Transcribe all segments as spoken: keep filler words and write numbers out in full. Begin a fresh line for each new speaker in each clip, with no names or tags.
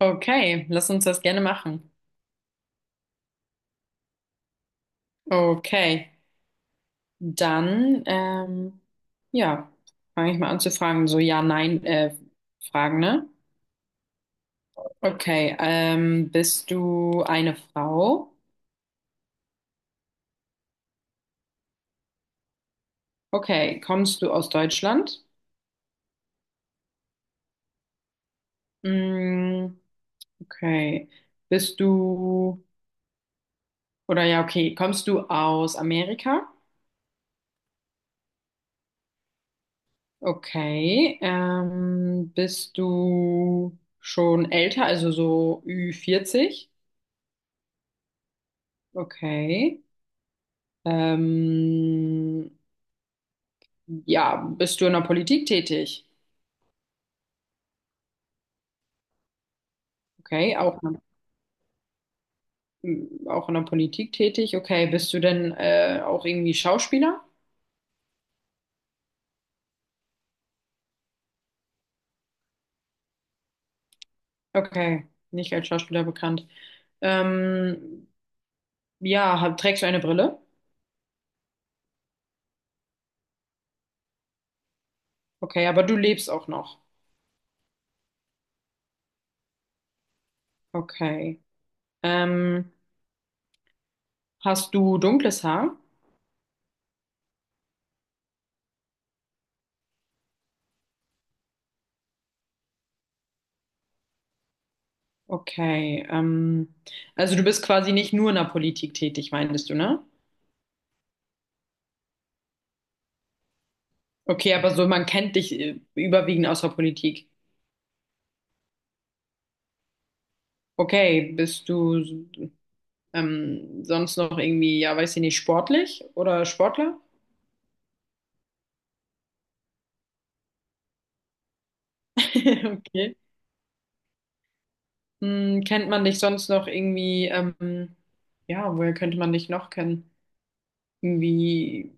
Okay, lass uns das gerne machen. Okay, dann ähm, ja, fange ich mal an zu fragen. So ja, nein, äh, Fragen, ne? Okay, ähm, bist du eine Frau? Okay, kommst du aus Deutschland? Mm, okay, bist du oder ja, okay, kommst du aus Amerika? Okay, ähm, bist du schon älter, also so ü vierzig? Okay. Ähm, ja, bist du in der Politik tätig? Okay, auch, auch in der Politik tätig. Okay, bist du denn äh, auch irgendwie Schauspieler? Okay, nicht als Schauspieler bekannt. Ähm, ja, hab, trägst du eine Brille? Okay, aber du lebst auch noch. Okay. Ähm, hast du dunkles Haar? Okay. Ähm, also du bist quasi nicht nur in der Politik tätig, meintest du, ne? Okay, aber so man kennt dich äh, überwiegend aus der Politik. Okay, bist du ähm, sonst noch irgendwie, ja, weiß ich nicht, sportlich oder Sportler? Okay. Hm, kennt man dich sonst noch irgendwie, ähm, ja, woher könnte man dich noch kennen? Irgendwie,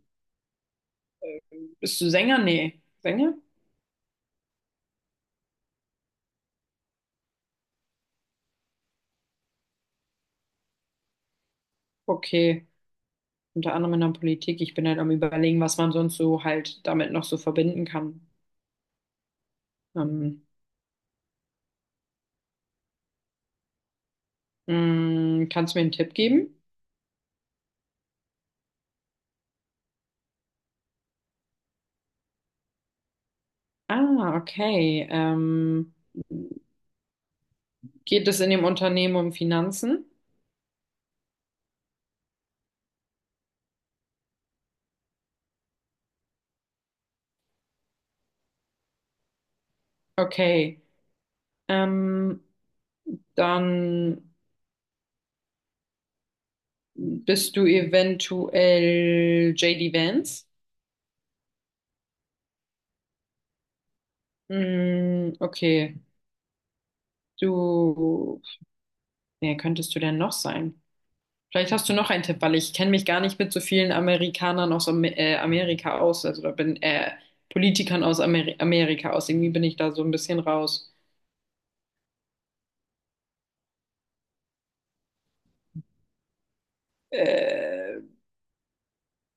bist du Sänger? Nee. Sänger? Okay. Unter anderem in der Politik. Ich bin halt am Überlegen, was man sonst so halt damit noch so verbinden kann. Ähm, hm, kannst du mir einen Tipp geben? Ah, okay. Ähm, geht es in dem Unternehmen um Finanzen? Okay. Ähm, dann bist du eventuell J D Vance. Mm, okay. Du, wer könntest du denn noch sein? Vielleicht hast du noch einen Tipp, weil ich kenne mich gar nicht mit so vielen Amerikanern aus Am äh, Amerika aus, also da bin äh, Politikern aus Amer Amerika aus. Irgendwie bin ich da so ein bisschen raus. Äh,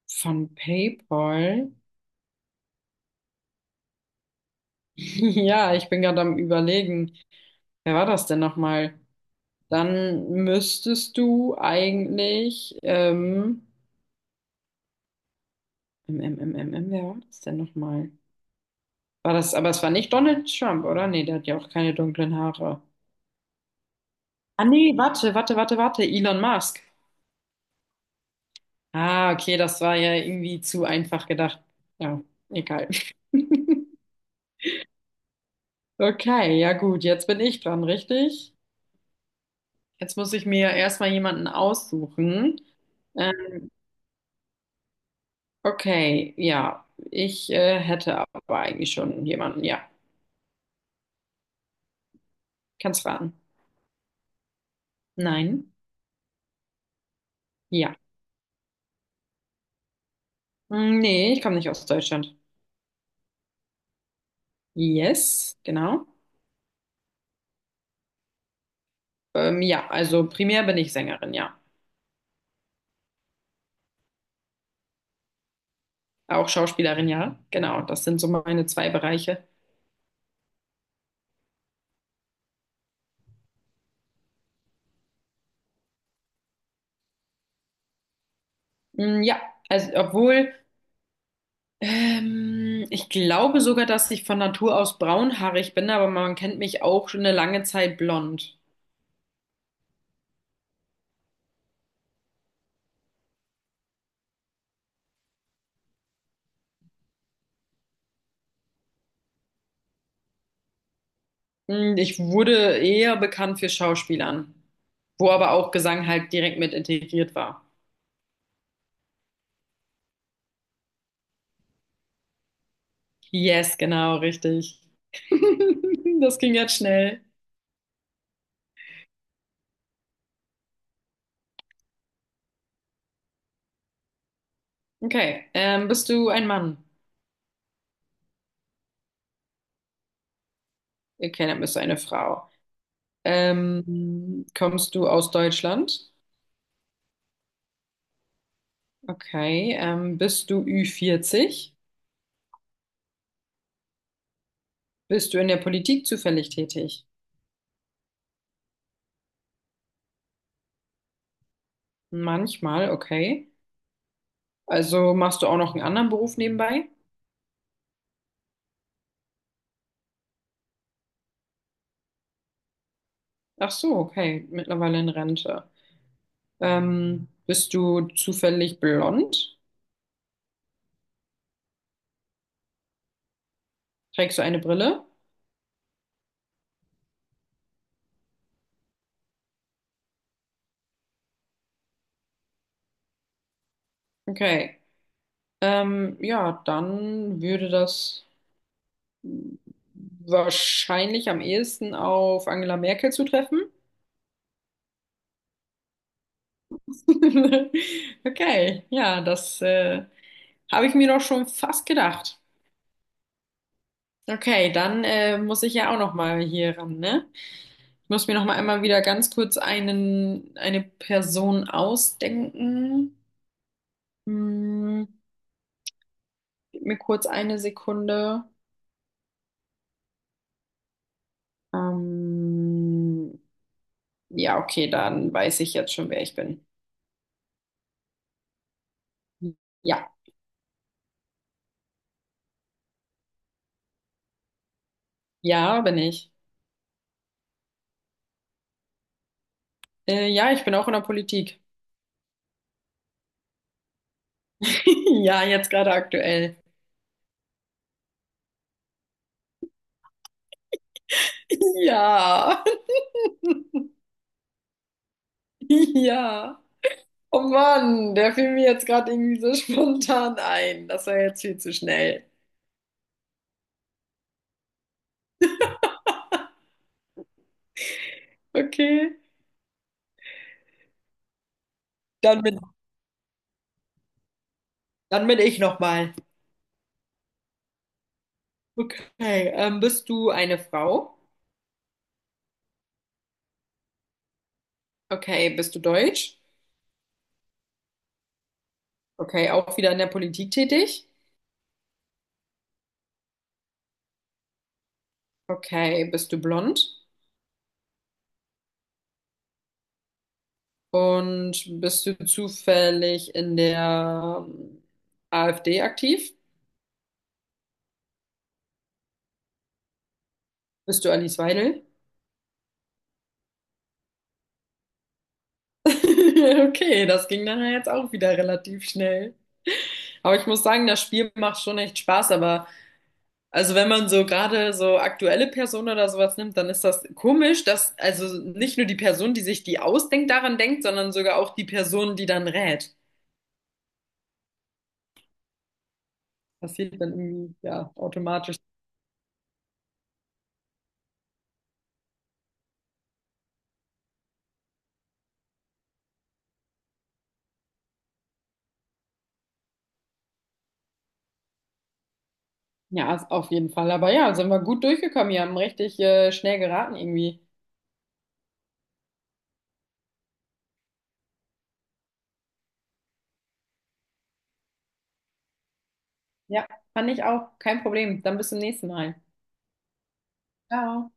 von PayPal? Ja, ich bin gerade am Überlegen. Wer war das denn nochmal? Dann müsstest du eigentlich, ähm, im, im, im, im, im, wer war das denn nochmal? War das, aber es war nicht Donald Trump, oder? Nee, der hat ja auch keine dunklen Haare. Ah, nee, warte, warte, warte, warte, Elon Musk. Ah, okay, das war ja irgendwie zu einfach gedacht. Ja, egal. Okay, ja gut, jetzt bin ich dran, richtig? Jetzt muss ich mir erstmal jemanden aussuchen. Ähm, okay, ja, ich äh, hätte aber eigentlich schon jemanden, ja. Kannst raten. Nein. Ja. Hm, nee, ich komme nicht aus Deutschland. Yes, genau. Ähm, ja, also primär bin ich Sängerin, ja. Auch Schauspielerin, ja. Genau, das sind so meine zwei Bereiche. Hm, ja, also obwohl, ähm, ich glaube sogar, dass ich von Natur aus braunhaarig bin, aber man kennt mich auch schon eine lange Zeit blond. Hm, ich wurde eher bekannt für Schauspielern, wo aber auch Gesang halt direkt mit integriert war. Yes, genau, richtig. Das ging jetzt schnell. Okay. Ähm, bist du ein Mann? Okay, dann bist du eine Frau. Ähm, kommst du aus Deutschland? Okay. Ähm, bist du ü vierzig? Bist du in der Politik zufällig tätig? Manchmal, okay. Also machst du auch noch einen anderen Beruf nebenbei? Ach so, okay. Mittlerweile in Rente. Ähm, bist du zufällig blond? Trägst du eine Brille? Okay. Ähm, ja, dann würde das wahrscheinlich am ehesten auf Angela Merkel zu treffen. Okay, ja, das äh, habe ich mir doch schon fast gedacht. Okay, dann äh, muss ich ja auch noch mal hier ran, ne? Ich muss mir noch mal einmal wieder ganz kurz einen, eine Person ausdenken. Hm, gib mir kurz eine Sekunde. Ähm, ja, okay, dann weiß ich jetzt schon, wer ich bin. Ja, ja, bin ich. Äh, ja, ich bin auch in der Politik. Ja, jetzt gerade aktuell. Ja, ja. Oh Mann, der fiel mir jetzt gerade irgendwie so spontan ein. Das war jetzt viel zu schnell. Okay, dann bin, dann bin ich nochmal. Okay, ähm, bist du eine Frau? Okay, bist du deutsch? Okay, auch wieder in der Politik tätig? Okay, bist du blond? Und bist du zufällig in der ähm, A f D aktiv? Bist du Alice Weidel? Okay, das ging dann ja jetzt auch wieder relativ schnell. Aber ich muss sagen, das Spiel macht schon echt Spaß. Aber also wenn man so gerade so aktuelle Personen oder sowas nimmt, dann ist das komisch, dass also nicht nur die Person, die sich die ausdenkt, daran denkt, sondern sogar auch die Person, die dann rät. Passiert dann irgendwie ja automatisch. Ja, ist auf jeden Fall. Aber ja, sind wir gut durchgekommen. Wir haben richtig äh, schnell geraten irgendwie. Ja, fand ich auch. Kein Problem. Dann bis zum nächsten Mal. Ciao.